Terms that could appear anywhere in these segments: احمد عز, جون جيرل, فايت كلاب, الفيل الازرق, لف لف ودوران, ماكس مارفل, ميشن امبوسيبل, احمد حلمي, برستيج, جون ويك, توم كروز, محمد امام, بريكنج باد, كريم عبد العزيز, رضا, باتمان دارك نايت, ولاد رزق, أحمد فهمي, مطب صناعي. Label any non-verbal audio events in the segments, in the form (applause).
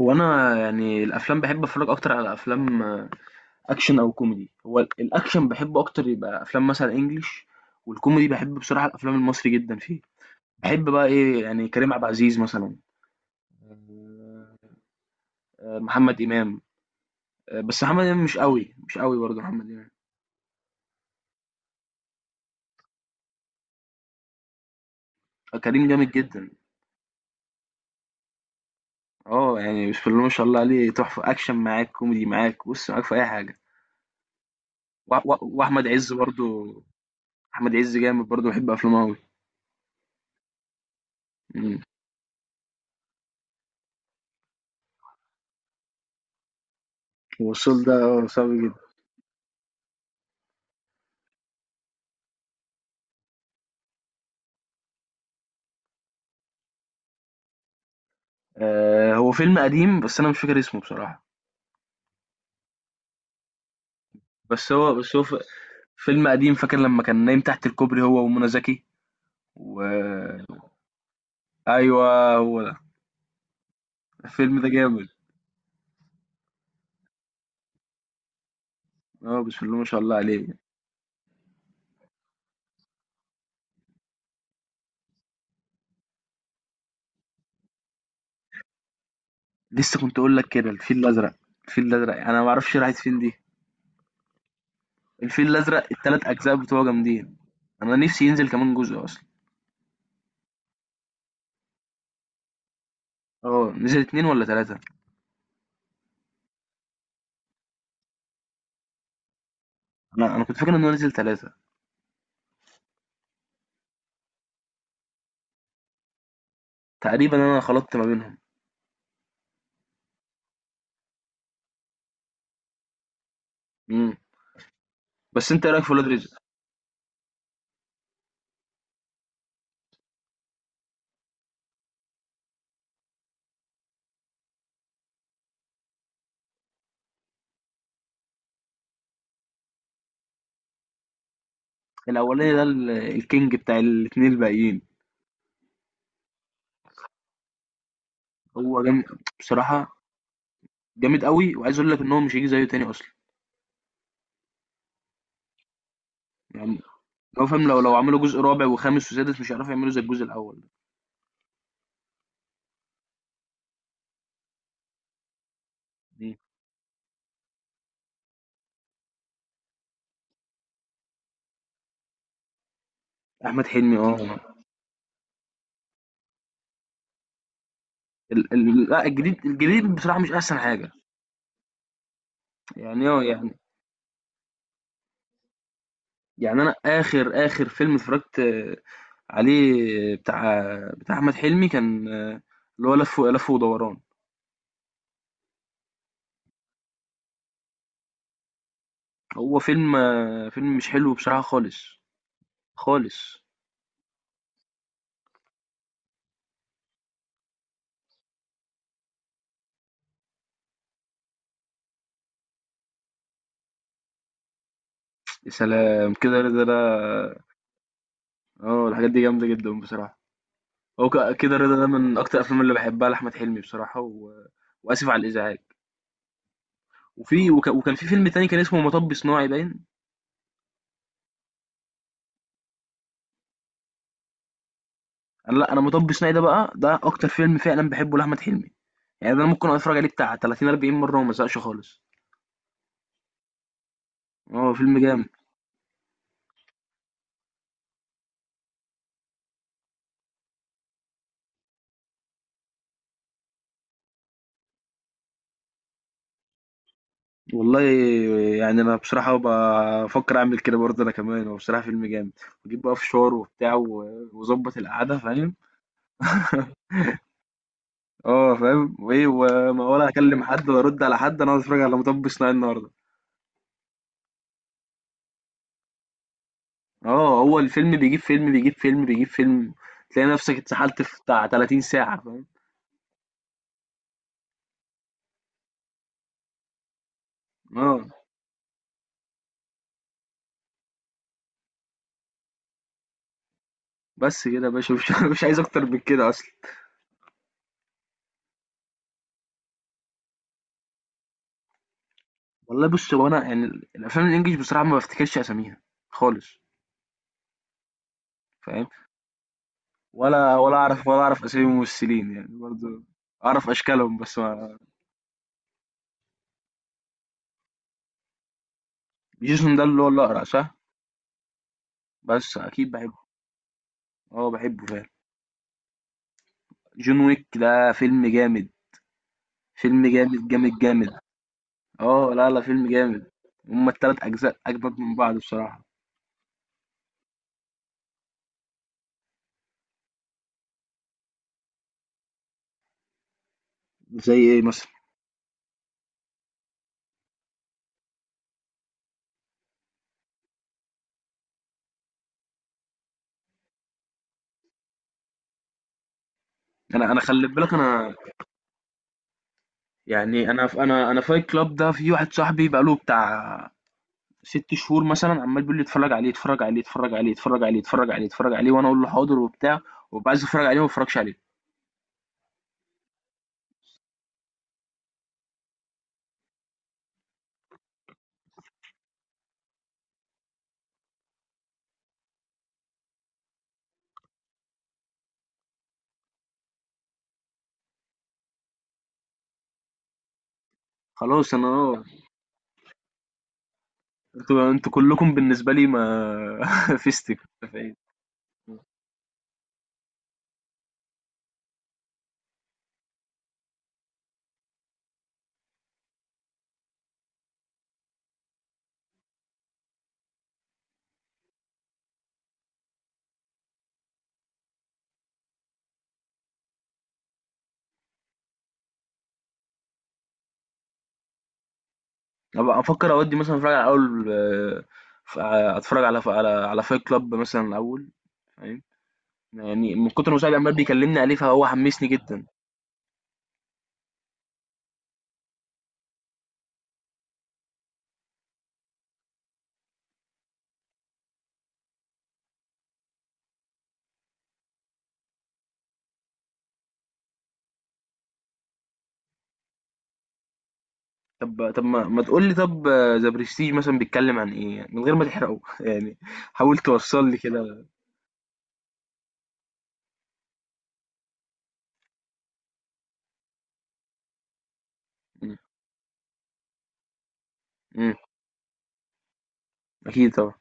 هو انا يعني الافلام بحب اتفرج اكتر على افلام اكشن او كوميدي. هو الاكشن بحبه اكتر، يبقى افلام مثلا انجليش. والكوميدي بحب بصراحه الافلام المصري جدا فيه. بحب بقى ايه، يعني كريم عبد العزيز مثلا. آه، آه، محمد امام. آه، بس محمد امام مش قوي برضه محمد امام. آه، كريم جامد جدا. اه يعني بسم الله ما شاء الله عليه، تحفه، اكشن معاك كوميدي معاك بص معاك في اي حاجه. واحمد عز برضه، احمد عز جامد برضه، بحب افلامه قوي. والصول ده آه، صعب جدا. آه، هو فيلم قديم بس انا مش فاكر اسمه بصراحة. بس هو بس هو ف- فيلم قديم، فاكر لما كان نايم تحت الكوبري هو ومنى زكي و... ايوه هو ده. الفيلم ده جامد. اه بسم الله ما شاء الله عليه. لسه كنت اقول لك كده، الفيل الازرق. الفيل الازرق انا ما اعرفش راحت فين دي. الفيل الازرق التلات اجزاء بتوعه جامدين. انا نفسي ينزل كمان جزء اصلا. اه نزل اتنين ولا تلاتة؟ انا كنت فاكر انه نزل تلاتة. تقريبا انا خلطت ما بينهم. مم. بس انت ايه رايك في ولاد رزق؟ الاولاني ده الكينج بتاع الاتنين الباقيين. هو جامد بصراحه، جامد قوي، وعايز اقول لك ان هو مش هيجي زيه تاني اصلا. يعني هو فاهم، لو عملوا جزء رابع وخامس وسادس مش هيعرفوا يعملوا زي الجزء الاول. ده. احمد حلمي اه. لا، الجديد الجديد بصراحه مش احسن حاجه. يعني اه يعني، يعني انا اخر اخر فيلم اتفرجت عليه بتاع بتاع احمد حلمي كان آه، اللي هو لف لف ودوران. هو فيلم آه، فيلم مش حلو بصراحه خالص، خالص. يا سلام، كده رضا ده! اه الحاجات دي جامدة جدا بصراحة. هو كده رضا ده من أكتر الأفلام اللي بحبها لأحمد حلمي بصراحة و... وآسف على الإزعاج. وكان في فيلم تاني كان اسمه مطب صناعي باين. أنا لا، أنا مطب صناعي ده بقى ده أكتر فيلم فعلا بحبه لأحمد حلمي. يعني ده أنا ممكن أتفرج عليه بتاع 30 40 مرة وما أزهقش خالص. اه فيلم جامد. والله يعني أنا بصراحة بفكر أعمل كده برضه أنا كمان، هو بصراحة فيلم جامد. وأجيب بقى فشار وبتاع وأظبط القعدة، فاهم؟ (laughs) اه فاهم، وايه وما ولا اكلم حد ولا ارد على حد، انا عاوز اتفرج على مطب صناعي النهارده. اه هو الفيلم بيجيب فيلم بيجيب فيلم بيجيب فيلم، تلاقي نفسك اتسحلت في بتاع 30 ساعة، فاهم؟ اه. بس كده يا باشا، مش, (laughs) مش عايز اكتر من كده اصلا. والله بص، هو انا يعني الافلام الانجليش بصراحة ما بفتكرش اساميها خالص. فاهم؟ ولا اعرف، ولا اعرف اسامي الممثلين يعني برضه. اعرف اشكالهم بس ما... جيسون ده اللي هو الاقرع، صح؟ بس اكيد بحبه. اه بحبه فعلا. جون ويك ده فيلم جامد، فيلم جامد جامد جامد. اه لا لا فيلم جامد. هما التلات اجزاء اجمد من بعض بصراحه. زي ايه مثلا؟ انا خلي بالك، انا يعني انا فايت كلاب ده في واحد صاحبي بقاله بتاع ست شهور مثلا عمال بيقول لي اتفرج عليه اتفرج عليه اتفرج عليه اتفرج عليه اتفرج عليه اتفرج عليه، وانا اقول له حاضر وبتاع. وبقى عايز اتفرج عليه وما اتفرجش عليه. خلاص انا اه. انتوا كلكم بالنسبه لي ما (laughs) فيستك. ابقى افكر اودي مثلا اتفرج على اول آه، ف- اتفرج على على فايت كلاب مثلا الاول، فاهم؟ يعني من كتر ما سعيد عمال بيكلمني عليه فهو حمسني جدا. طب ما تقول لي، طب ذا برستيج مثلا بيتكلم عن ايه، يعني من غير ما تحرقه؟ (laughs) يعني حاول توصل لي كده. مم. مم. اكيد طبعا.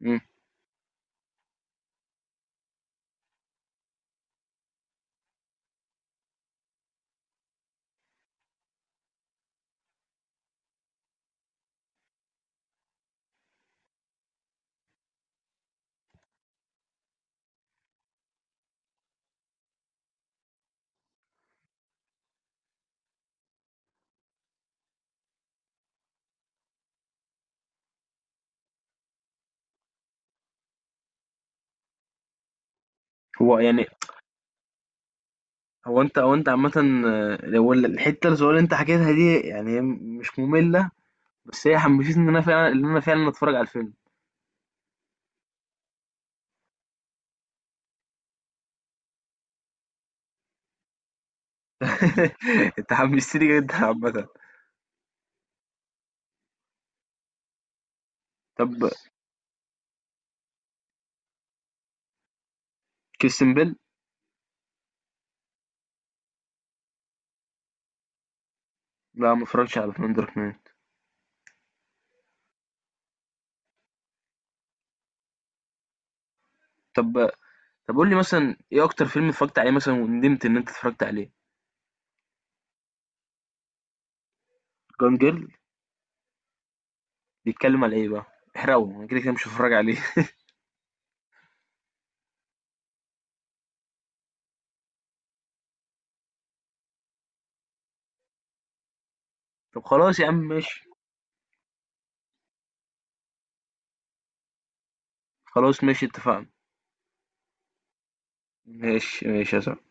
مم. هو يعني، هو انت عامة آه، هو الحتة الصغيرة اللي انت حكيتها دي يعني هي مش مملة، بس هي حمستني ان انا فعلا، ان انا فعلا اتفرج على الفيلم. (laughs) انت حمستني جدا عامة. طب كريستيان بيل. لا، ما اتفرجتش على باتمان دارك نايت. طب طب قول لي مثلا ايه اكتر فيلم اتفرجت عليه مثلا وندمت ان انت اتفرجت عليه؟ جون جيرل. بيتكلم على ايه بقى؟ احرقه، انا كده كده مش هتفرج عليه. (laughs) طب خلاص يا عم، ماشي. خلاص ماشي، اتفقنا. ماشي يا صاحبي.